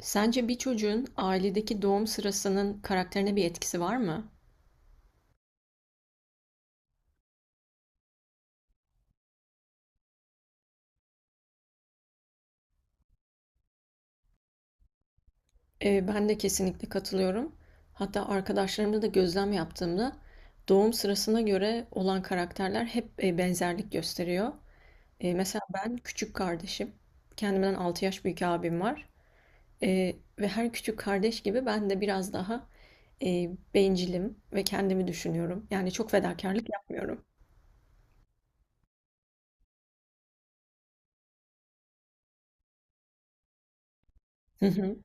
Sence bir çocuğun ailedeki doğum sırasının karakterine bir etkisi var mı? Ben de kesinlikle katılıyorum. Hatta arkadaşlarımda da gözlem yaptığımda doğum sırasına göre olan karakterler hep benzerlik gösteriyor. Mesela ben küçük kardeşim, kendimden 6 yaş büyük abim var. Ve her küçük kardeş gibi ben de biraz daha bencilim ve kendimi düşünüyorum. Yani çok fedakarlık yapmıyorum. Hı hı.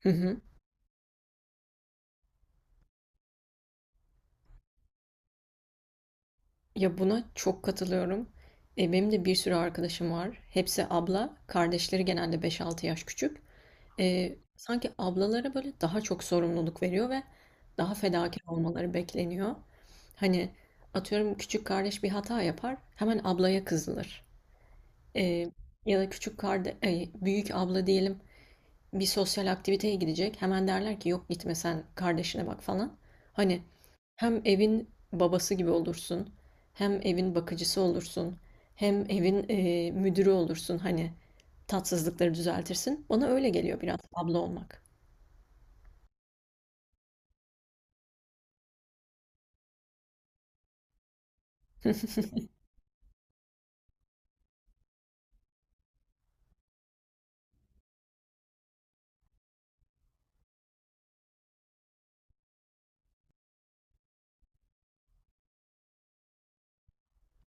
Hı hı. Ya buna çok katılıyorum. Benim de bir sürü arkadaşım var. Hepsi abla. Kardeşleri genelde 5-6 yaş küçük. Sanki ablalara böyle daha çok sorumluluk veriyor ve daha fedakar olmaları bekleniyor. Hani atıyorum küçük kardeş bir hata yapar, hemen ablaya kızılır. E, ya da küçük kardeş, büyük abla diyelim bir sosyal aktiviteye gidecek. Hemen derler ki yok gitme sen kardeşine bak falan. Hani hem evin babası gibi olursun, hem evin bakıcısı olursun, hem evin müdürü olursun. Hani tatsızlıkları düzeltirsin. Bana öyle geliyor biraz abla olmak.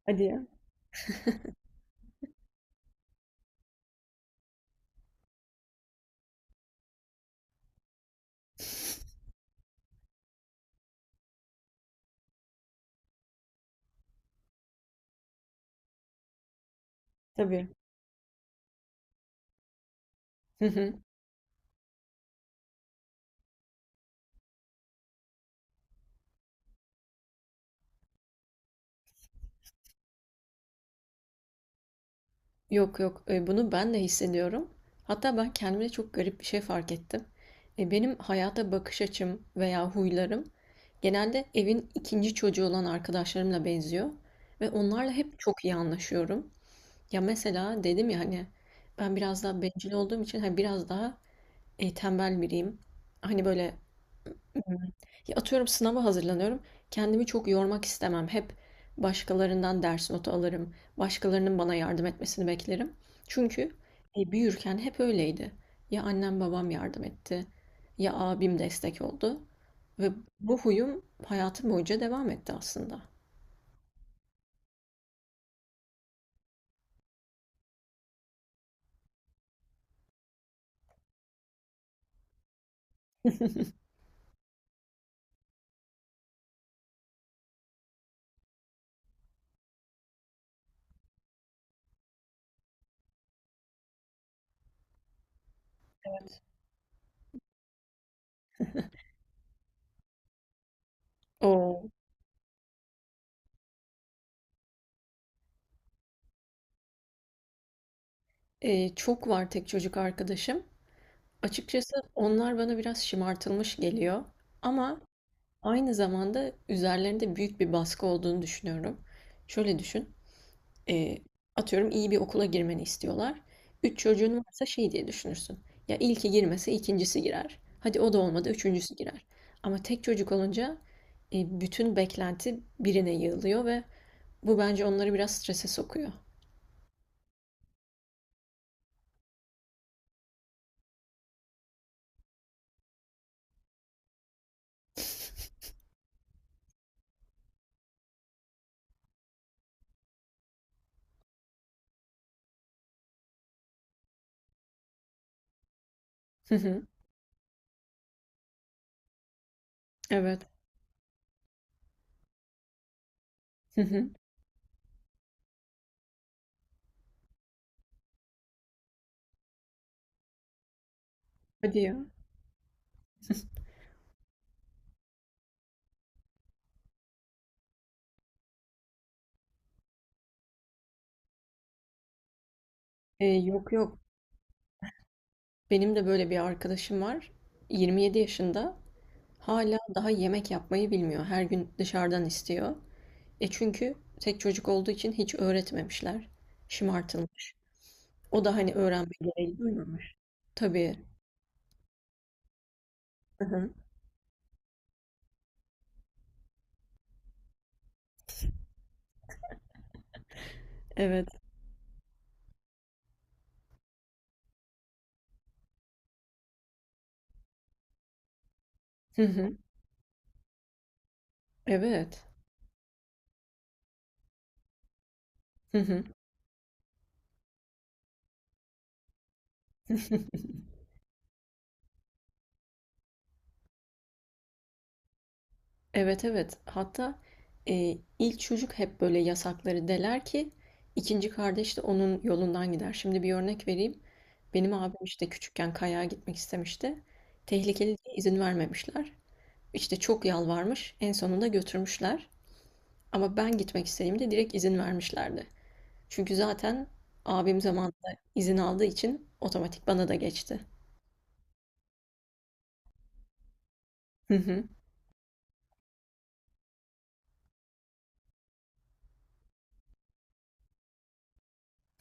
Hadi ya. Tabii. Hı hı. Yok yok, bunu ben de hissediyorum. Hatta ben kendime çok garip bir şey fark ettim. Benim hayata bakış açım veya huylarım genelde evin ikinci çocuğu olan arkadaşlarımla benziyor. Ve onlarla hep çok iyi anlaşıyorum. Ya mesela dedim ya hani ben biraz daha bencil olduğum için hani biraz daha tembel biriyim. Hani böyle atıyorum sınava hazırlanıyorum. Kendimi çok yormak istemem. Hep başkalarından ders notu alırım. Başkalarının bana yardım etmesini beklerim. Çünkü büyürken hep öyleydi. Ya annem babam yardım etti, ya abim destek oldu. Ve bu huyum hayatım boyunca devam etti aslında. Oo. Çok var tek çocuk arkadaşım. Açıkçası onlar bana biraz şımartılmış geliyor. Ama aynı zamanda üzerlerinde büyük bir baskı olduğunu düşünüyorum. Şöyle düşün. E, atıyorum iyi bir okula girmeni istiyorlar. Üç çocuğun varsa şey diye düşünürsün. Ya ilki girmese ikincisi girer. Hadi o da olmadı üçüncüsü girer. Ama tek çocuk olunca bütün beklenti birine yığılıyor ve bu bence onları biraz strese sokuyor. Hı hı. Evet. Hı hı. Hadi ya. Yok yok. Benim de böyle bir arkadaşım var. 27 yaşında. Hala daha yemek yapmayı bilmiyor. Her gün dışarıdan istiyor. Çünkü tek çocuk olduğu için hiç öğretmemişler. Şımartılmış. O da hani öğrenme gereği duymamış. Tabii. Hı hı. Evet. Hı hı. Evet. Hı hı. Evet evet. Hatta ilk çocuk hep böyle yasakları deler ki ikinci kardeş de onun yolundan gider. Şimdi bir örnek vereyim. Benim abim işte küçükken kayağa gitmek istemişti. Tehlikeli diye izin vermemişler. İşte çok yalvarmış. En sonunda götürmüşler. Ama ben gitmek istediğimde direkt izin vermişlerdi. Çünkü zaten abim zamanında izin aldığı için otomatik bana da geçti. Hı hı,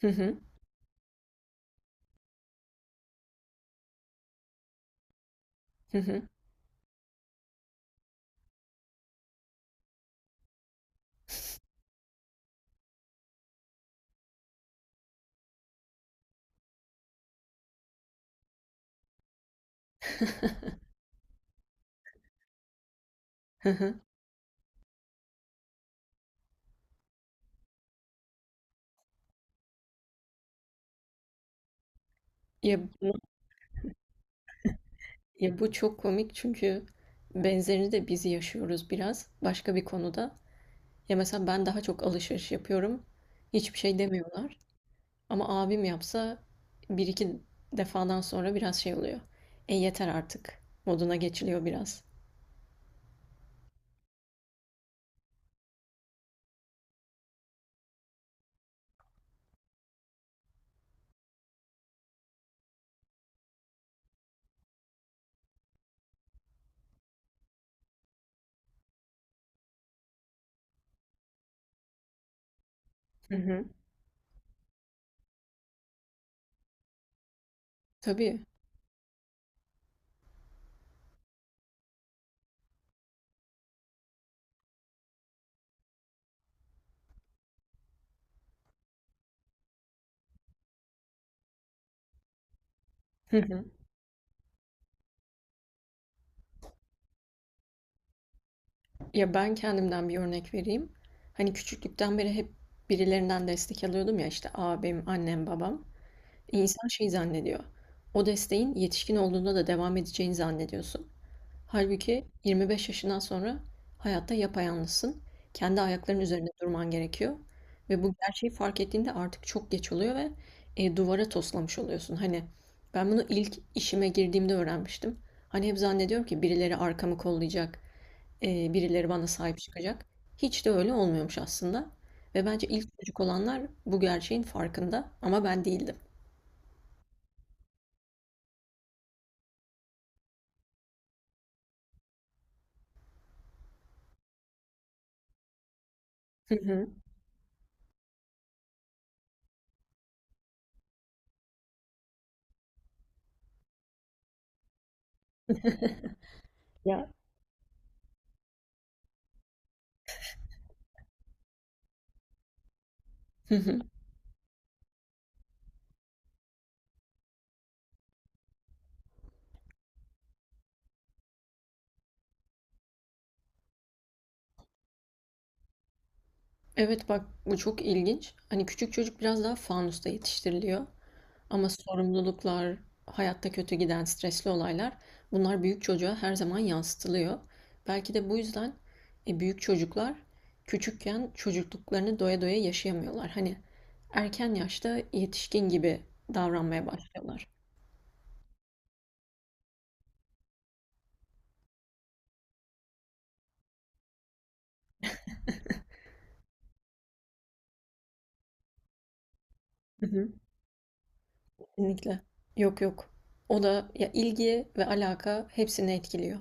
hı hı, hı hı. Hı hı. Ya, bu çok komik çünkü benzerini de biz yaşıyoruz biraz başka bir konuda. Ya mesela ben daha çok alışveriş yapıyorum. Hiçbir şey demiyorlar. Ama abim yapsa bir iki defadan sonra biraz şey oluyor. Yeter artık moduna geçiliyor biraz. Hı hı. Tabii. Ya ben kendimden bir örnek vereyim. Hani küçüklükten beri hep birilerinden destek alıyordum ya işte abim, annem, babam. İnsan şey zannediyor. O desteğin yetişkin olduğunda da devam edeceğini zannediyorsun. Halbuki 25 yaşından sonra hayatta yapayalnızsın. Kendi ayaklarının üzerinde durman gerekiyor. Ve bu gerçeği fark ettiğinde artık çok geç oluyor ve duvara toslamış oluyorsun. Hani ben bunu ilk işime girdiğimde öğrenmiştim. Hani hep zannediyorum ki birileri arkamı kollayacak, birileri bana sahip çıkacak. Hiç de öyle olmuyormuş aslında ve bence ilk çocuk olanlar bu gerçeğin farkında ama ben değildim. Hı hı. Ya. Hı hı. Evet bak bu çok ilginç. Hani küçük çocuk biraz daha fanusta yetiştiriliyor. Ama sorumluluklar, hayatta kötü giden stresli olaylar bunlar büyük çocuğa her zaman yansıtılıyor. Belki de bu yüzden büyük çocuklar küçükken çocukluklarını doya doya yaşayamıyorlar. Hani erken yaşta yetişkin gibi davranmaya başlıyorlar. Hı hı. Kesinlikle. Yok yok. O da ya ilgi ve alaka hepsini etkiliyor.